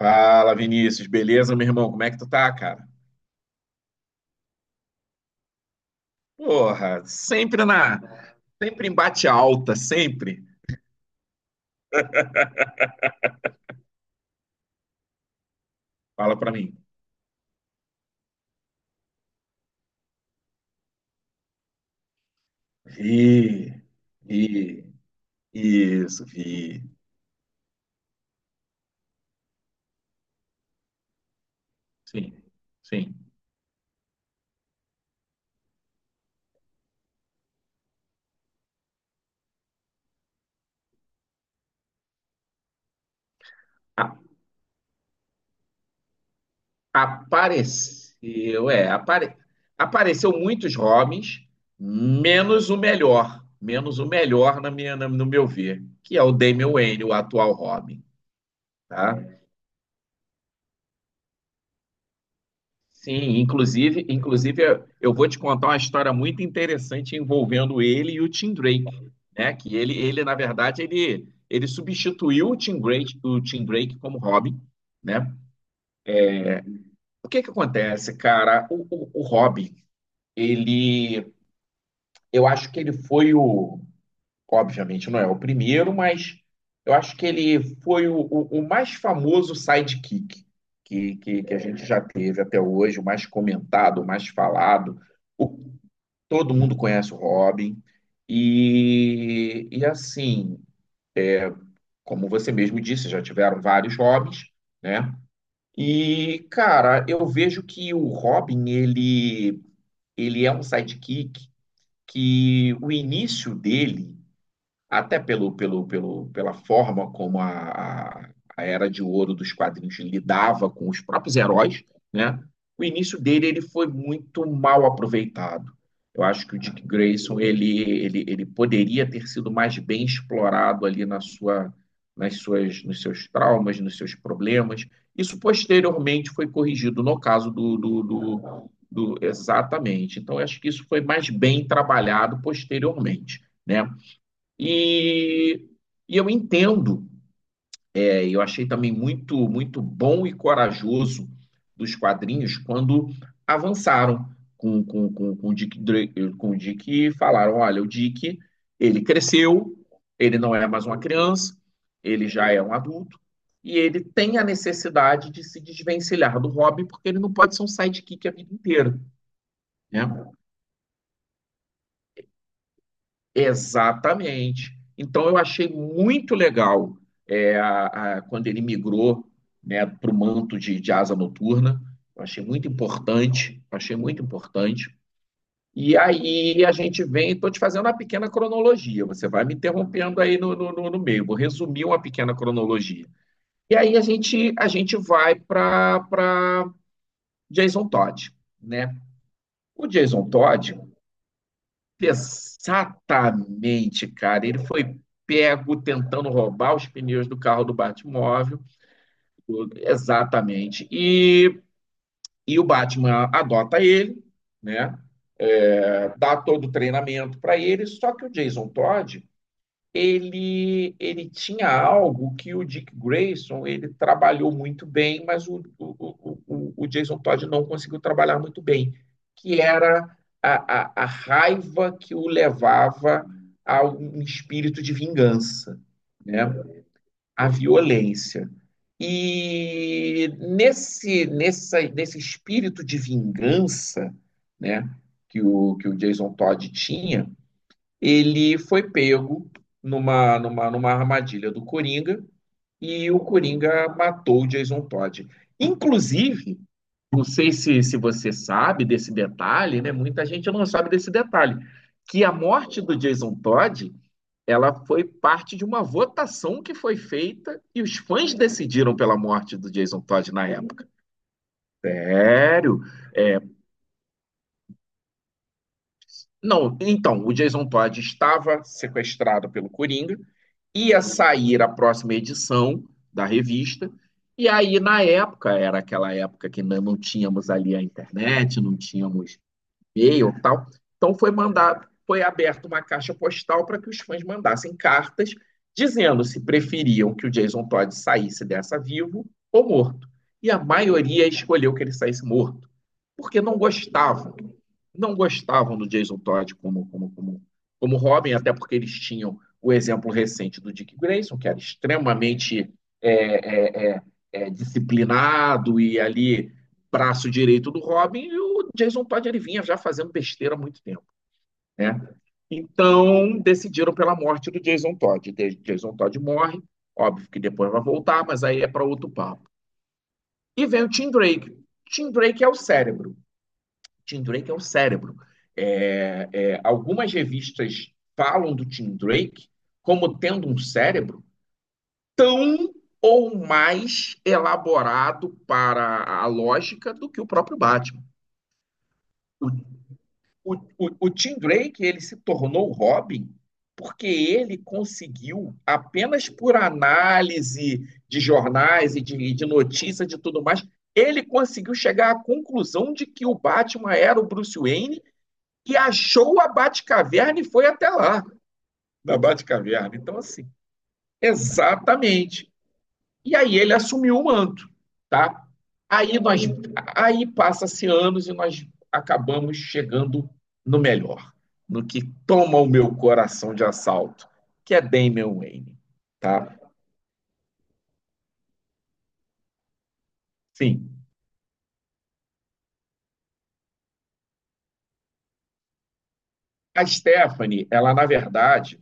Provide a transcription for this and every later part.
Fala, Vinícius, beleza, meu irmão? Como é que tu tá, cara? Porra, sempre em bate alta, sempre. Fala pra mim. Vi, vi, isso, vi. Sim, sim. A- apareceu, é, apare, apareceu muitos Robins, menos o melhor na no meu ver, que é o Damian Wayne, o atual Robin, tá? Sim, inclusive eu vou te contar uma história muito interessante envolvendo ele e o Tim Drake, né? Que ele na verdade, ele substituiu o Tim Drake, como Robin, né? O que que acontece, cara? O Robin, ele, eu acho que ele foi o, obviamente não é o primeiro, mas eu acho que ele foi o mais famoso sidekick que a gente já teve até hoje, o mais comentado, o mais falado. O, Todo mundo conhece o Robin. E assim, como você mesmo disse, já tiveram vários Robins, né? E, cara, eu vejo que o Robin, ele é um sidekick que o início dele até pela forma como a Era de Ouro dos quadrinhos lidava com os próprios heróis, né? O início dele ele foi muito mal aproveitado. Eu acho que o Dick Grayson ele poderia ter sido mais bem explorado ali na sua, nas suas, nos seus traumas, nos seus problemas. Isso posteriormente foi corrigido no caso do, do, do, do- exatamente. Então, eu acho que isso foi mais bem trabalhado posteriormente, né? E, e eu entendo, eu achei também muito, muito bom e corajoso dos quadrinhos quando avançaram com o Dick e falaram: olha, o Dick, ele cresceu, ele não é mais uma criança, ele já é um adulto, e ele tem a necessidade de se desvencilhar do Robin, porque ele não pode ser um sidekick a vida inteira, né? Exatamente. Então eu achei muito legal, quando ele migrou, né, para o manto de asa noturna. Eu achei muito importante, achei muito importante. E aí a gente vem, estou te fazendo uma pequena cronologia. Você vai me interrompendo aí no meio. Vou resumir uma pequena cronologia. E aí a gente vai para Jason Todd, né? O Jason Todd Exatamente, cara. Ele foi pego tentando roubar os pneus do carro do Batmóvel. Exatamente. E o Batman adota ele, né? É, dá todo o treinamento para ele. Só que o Jason Todd, ele tinha algo que o Dick Grayson ele trabalhou muito bem, mas o Jason Todd não conseguiu trabalhar muito bem, que era a raiva que o levava a um espírito de vingança, né? A violência. E nesse espírito de vingança, né, que o Jason Todd tinha, ele foi pego numa armadilha do Coringa e o Coringa matou o Jason Todd. Inclusive, não sei se você sabe desse detalhe, né? Muita gente não sabe desse detalhe, que a morte do Jason Todd, ela foi parte de uma votação que foi feita e os fãs decidiram pela morte do Jason Todd na época. Sério? É, não, então, o Jason Todd estava sequestrado pelo Coringa, ia sair a próxima edição da revista, e aí, na época, era aquela época que ainda não tínhamos ali a internet, não tínhamos e-mail e tal. Então foi mandado, foi aberta uma caixa postal para que os fãs mandassem cartas dizendo se preferiam que o Jason Todd saísse dessa vivo ou morto. E a maioria escolheu que ele saísse morto, porque não gostavam, não gostavam do Jason Todd como Robin, até porque eles tinham o exemplo recente do Dick Grayson, que era extremamente é, é, é, disciplinado e ali braço direito do Robin, e o Jason Todd ele vinha já fazendo besteira há muito tempo, né? Então decidiram pela morte do Jason Todd. Jason Todd morre, óbvio que depois vai voltar, mas aí é para outro papo. E vem o Tim Drake. Tim Drake é o cérebro. Tim Drake é o cérebro. Algumas revistas falam do Tim Drake como tendo um cérebro tão ou mais elaborado para a lógica do que o próprio Batman. O Tim Drake, ele se tornou o Robin porque ele conseguiu, apenas por análise de jornais e de notícias e tudo mais, ele conseguiu chegar à conclusão de que o Batman era o Bruce Wayne, e achou a Batcaverna e foi até lá, na Batcaverna. Então, assim, exatamente. E aí ele assumiu o manto, tá? Aí nós, aí passa-se anos e nós acabamos chegando no melhor, no que toma o meu coração de assalto, que é Damian Wayne, tá? Sim. A Stephanie, ela na verdade,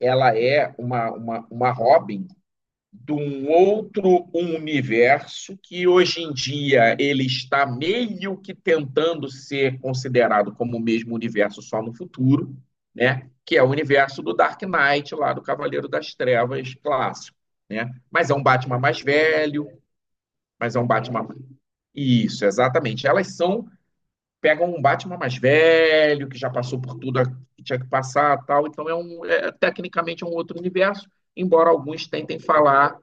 ela é uma Robin de um outro universo que hoje em dia ele está meio que tentando ser considerado como o mesmo universo só no futuro, né? Que é o universo do Dark Knight lá do Cavaleiro das Trevas clássico, né? Mas é um Batman mais velho, mas é um Batman isso, exatamente. Elas são pegam um Batman mais velho, que já passou por tudo que tinha que passar, tal. Então, tecnicamente é um outro universo, embora alguns tentem falar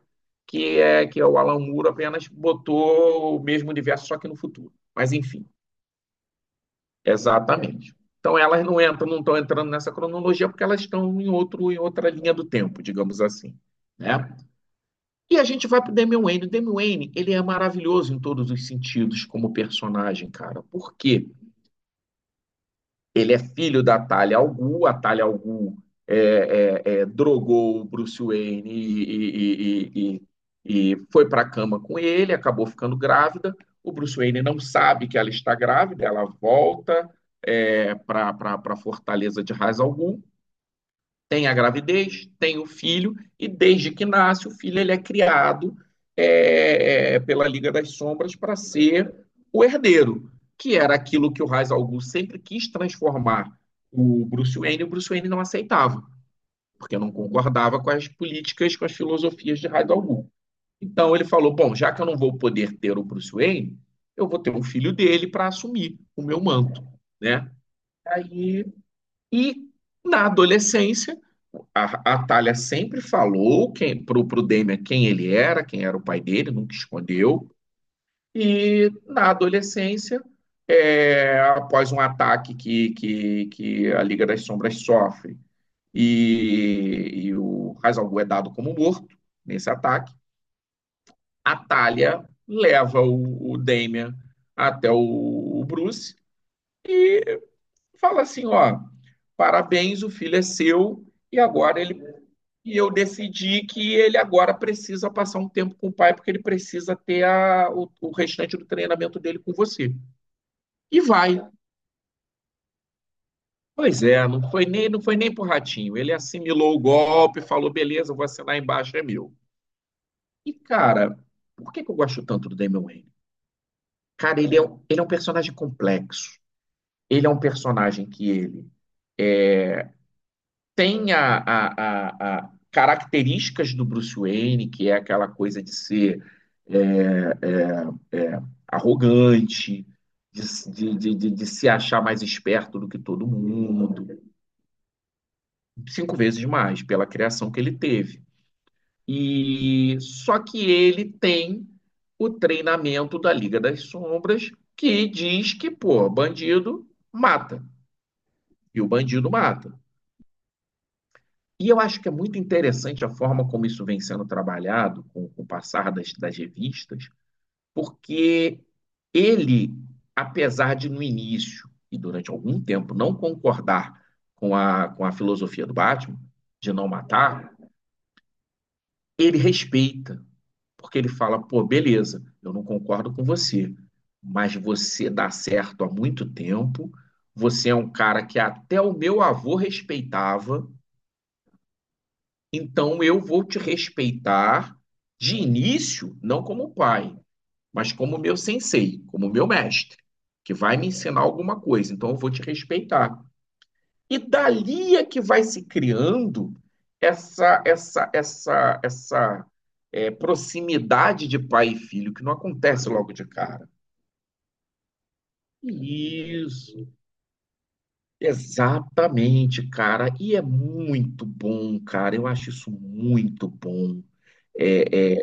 que é o Alan Moore apenas botou o mesmo universo só que no futuro. Mas enfim, exatamente. Então elas não entram, não estão entrando nessa cronologia porque elas estão em outro em outra linha do tempo, digamos assim. Né? E a gente vai para o Damian Wayne. O Damian Wayne ele é maravilhoso em todos os sentidos como personagem, cara. Por quê? Ele é filho da Talia al Ghul, a Talia al Ghul drogou o Bruce Wayne e foi para a cama com ele, acabou ficando grávida. O Bruce Wayne não sabe que ela está grávida, ela volta, para a fortaleza de Ra's al Ghul, tem a gravidez, tem o filho, e desde que nasce, o filho ele é criado, pela Liga das Sombras, para ser o herdeiro, que era aquilo que o Ra's al Ghul sempre quis transformar o Bruce Wayne, e o Bruce Wayne não aceitava, porque não concordava com as políticas, com as filosofias de Ra's al Ghul. Então ele falou, bom, já que eu não vou poder ter o Bruce Wayne, eu vou ter um filho dele para assumir o meu manto, né? Aí e na adolescência, a Thalia sempre falou quem, pro Damian, quem ele era, quem era o pai dele, nunca escondeu. E na adolescência, após um ataque que a Liga das Sombras sofre, e o Hazalgu é dado como morto nesse ataque, a Thalia leva o Damian até o Bruce. Fala assim, ó, parabéns, o filho é seu, e agora ele e eu decidi que ele agora precisa passar um tempo com o pai, porque ele precisa ter o restante do treinamento dele com você. E vai. Pois é, não foi nem pro ratinho. Ele assimilou o golpe, falou beleza, eu vou assinar embaixo, é meu. E cara, por que que eu gosto tanto do Damian Wayne? Cara, ele é um personagem complexo. Ele é um personagem que ele tem características do Bruce Wayne, que é aquela coisa de ser é, é, é, arrogante, de, de se achar mais esperto do que todo mundo, cinco vezes mais pela criação que ele teve. E só que ele tem o treinamento da Liga das Sombras, que diz que, pô, bandido mata, e o bandido mata. E eu acho que é muito interessante a forma como isso vem sendo trabalhado com o passar das revistas, porque ele, apesar de no início e durante algum tempo não concordar com a filosofia do Batman, de não matar, ele respeita, porque ele fala: pô, beleza, eu não concordo com você, mas você dá certo há muito tempo, você é um cara que até o meu avô respeitava. Então eu vou te respeitar, de início, não como pai, mas como meu sensei, como meu mestre, que vai me ensinar alguma coisa. Então eu vou te respeitar. E dali é que vai se criando essa essa essa essa proximidade de pai e filho, que não acontece logo de cara. Isso, exatamente, cara. E é muito bom, cara. Eu acho isso muito bom. é é,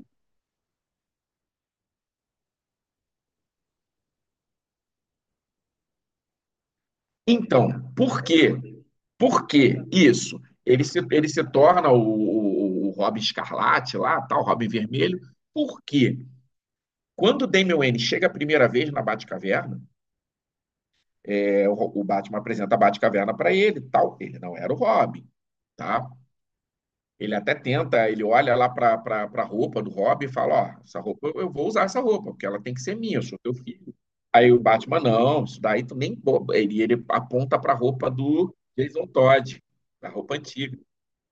Então, por quê? Por que isso? Ele se torna o Robin Escarlate lá, tal, o Robin Vermelho. Por quê? Quando o Damian Wayne chega a primeira vez na Batcaverna, o Batman apresenta a Batcaverna para ele, tal. Ele não era o Robin, tá? Ele até tenta, ele olha lá para a roupa do Robin e fala: Ó, essa roupa eu, vou usar essa roupa, porque ela tem que ser minha, eu sou teu filho. Aí o Batman, não, isso daí tu nem. Ele aponta para a roupa do Jason Todd, da roupa antiga.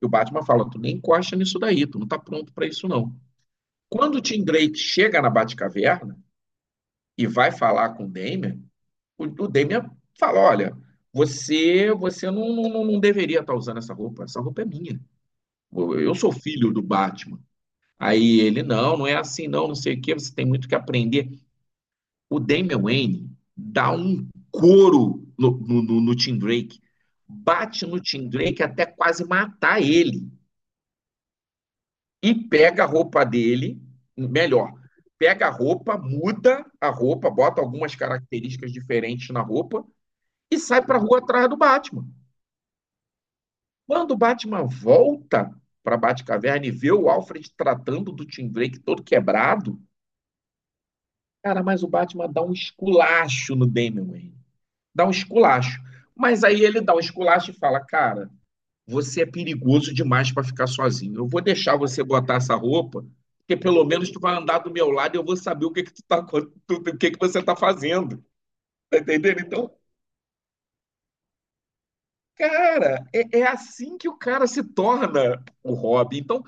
E o Batman fala: tu nem encosta nisso daí, tu não tá pronto para isso não. Quando o Tim Drake chega na Batcaverna e vai falar com o Damian, o Damian fala: olha, você não, não deveria estar usando essa roupa é minha. Eu sou filho do Batman. Aí ele, não, não é assim, não, não sei o que. Você tem muito que aprender. O Damian Wayne dá um couro Tim Drake, bate no Tim Drake até quase matar ele, e pega a roupa dele, melhor, pega a roupa, muda a roupa, bota algumas características diferentes na roupa e sai para rua atrás do Batman. Quando o Batman volta para Batcaverna e vê o Alfred tratando do Tim Drake todo quebrado, cara, mas o Batman dá um esculacho no Damian Wayne. Dá um esculacho. Mas aí ele dá um esculacho e fala: Cara, você é perigoso demais para ficar sozinho. Eu vou deixar você botar essa roupa, porque pelo menos tu vai andar do meu lado e eu vou saber o que que tu tá, o que que você tá fazendo. Tá entendendo? Então, cara, é assim que o cara se torna o Robin. Então,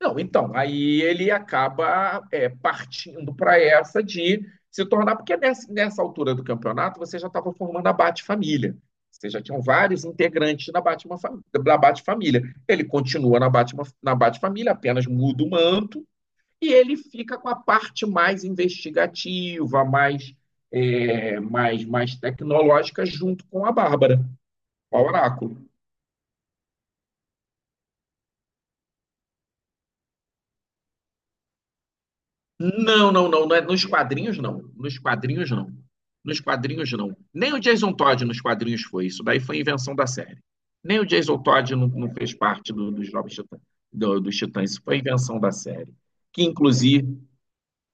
não, então, aí ele acaba, partindo para essa de se tornar, porque nessa altura do campeonato você já estava formando a Bate-Família. Você já tinham vários integrantes da Bate-Família. Ele continua na Batman, na Bate-Família, apenas muda o manto, e ele fica com a parte mais investigativa, mais tecnológica, junto com a Bárbara, o Oráculo. Não, não, não, não é nos quadrinhos não. Nos quadrinhos não. Nos quadrinhos não. Nem o Jason Todd nos quadrinhos foi. Isso daí foi invenção da série. Nem o Jason Todd não fez parte dos Novos Titãs, dos Titãs. Isso foi invenção da série. Que inclusive,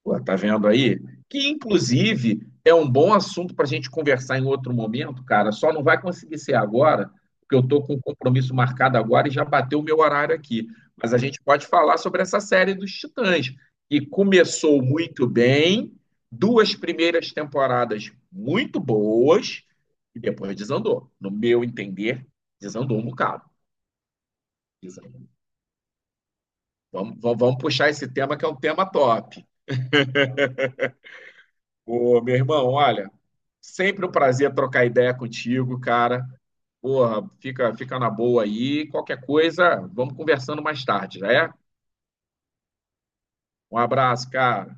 Pô, tá vendo aí? Que, inclusive, é um bom assunto para a gente conversar em outro momento, cara. Só não vai conseguir ser agora, porque eu tô com um compromisso marcado agora e já bateu o meu horário aqui. Mas a gente pode falar sobre essa série dos Titãs, que começou muito bem, duas primeiras temporadas muito boas, e depois desandou. No meu entender, desandou um bocado. Desandou. Vamos puxar esse tema, que é um tema top. Ô, meu irmão, olha, sempre um prazer trocar ideia contigo, cara. Porra, fica, fica na boa aí. Qualquer coisa, vamos conversando mais tarde, já é? Um abraço, cara.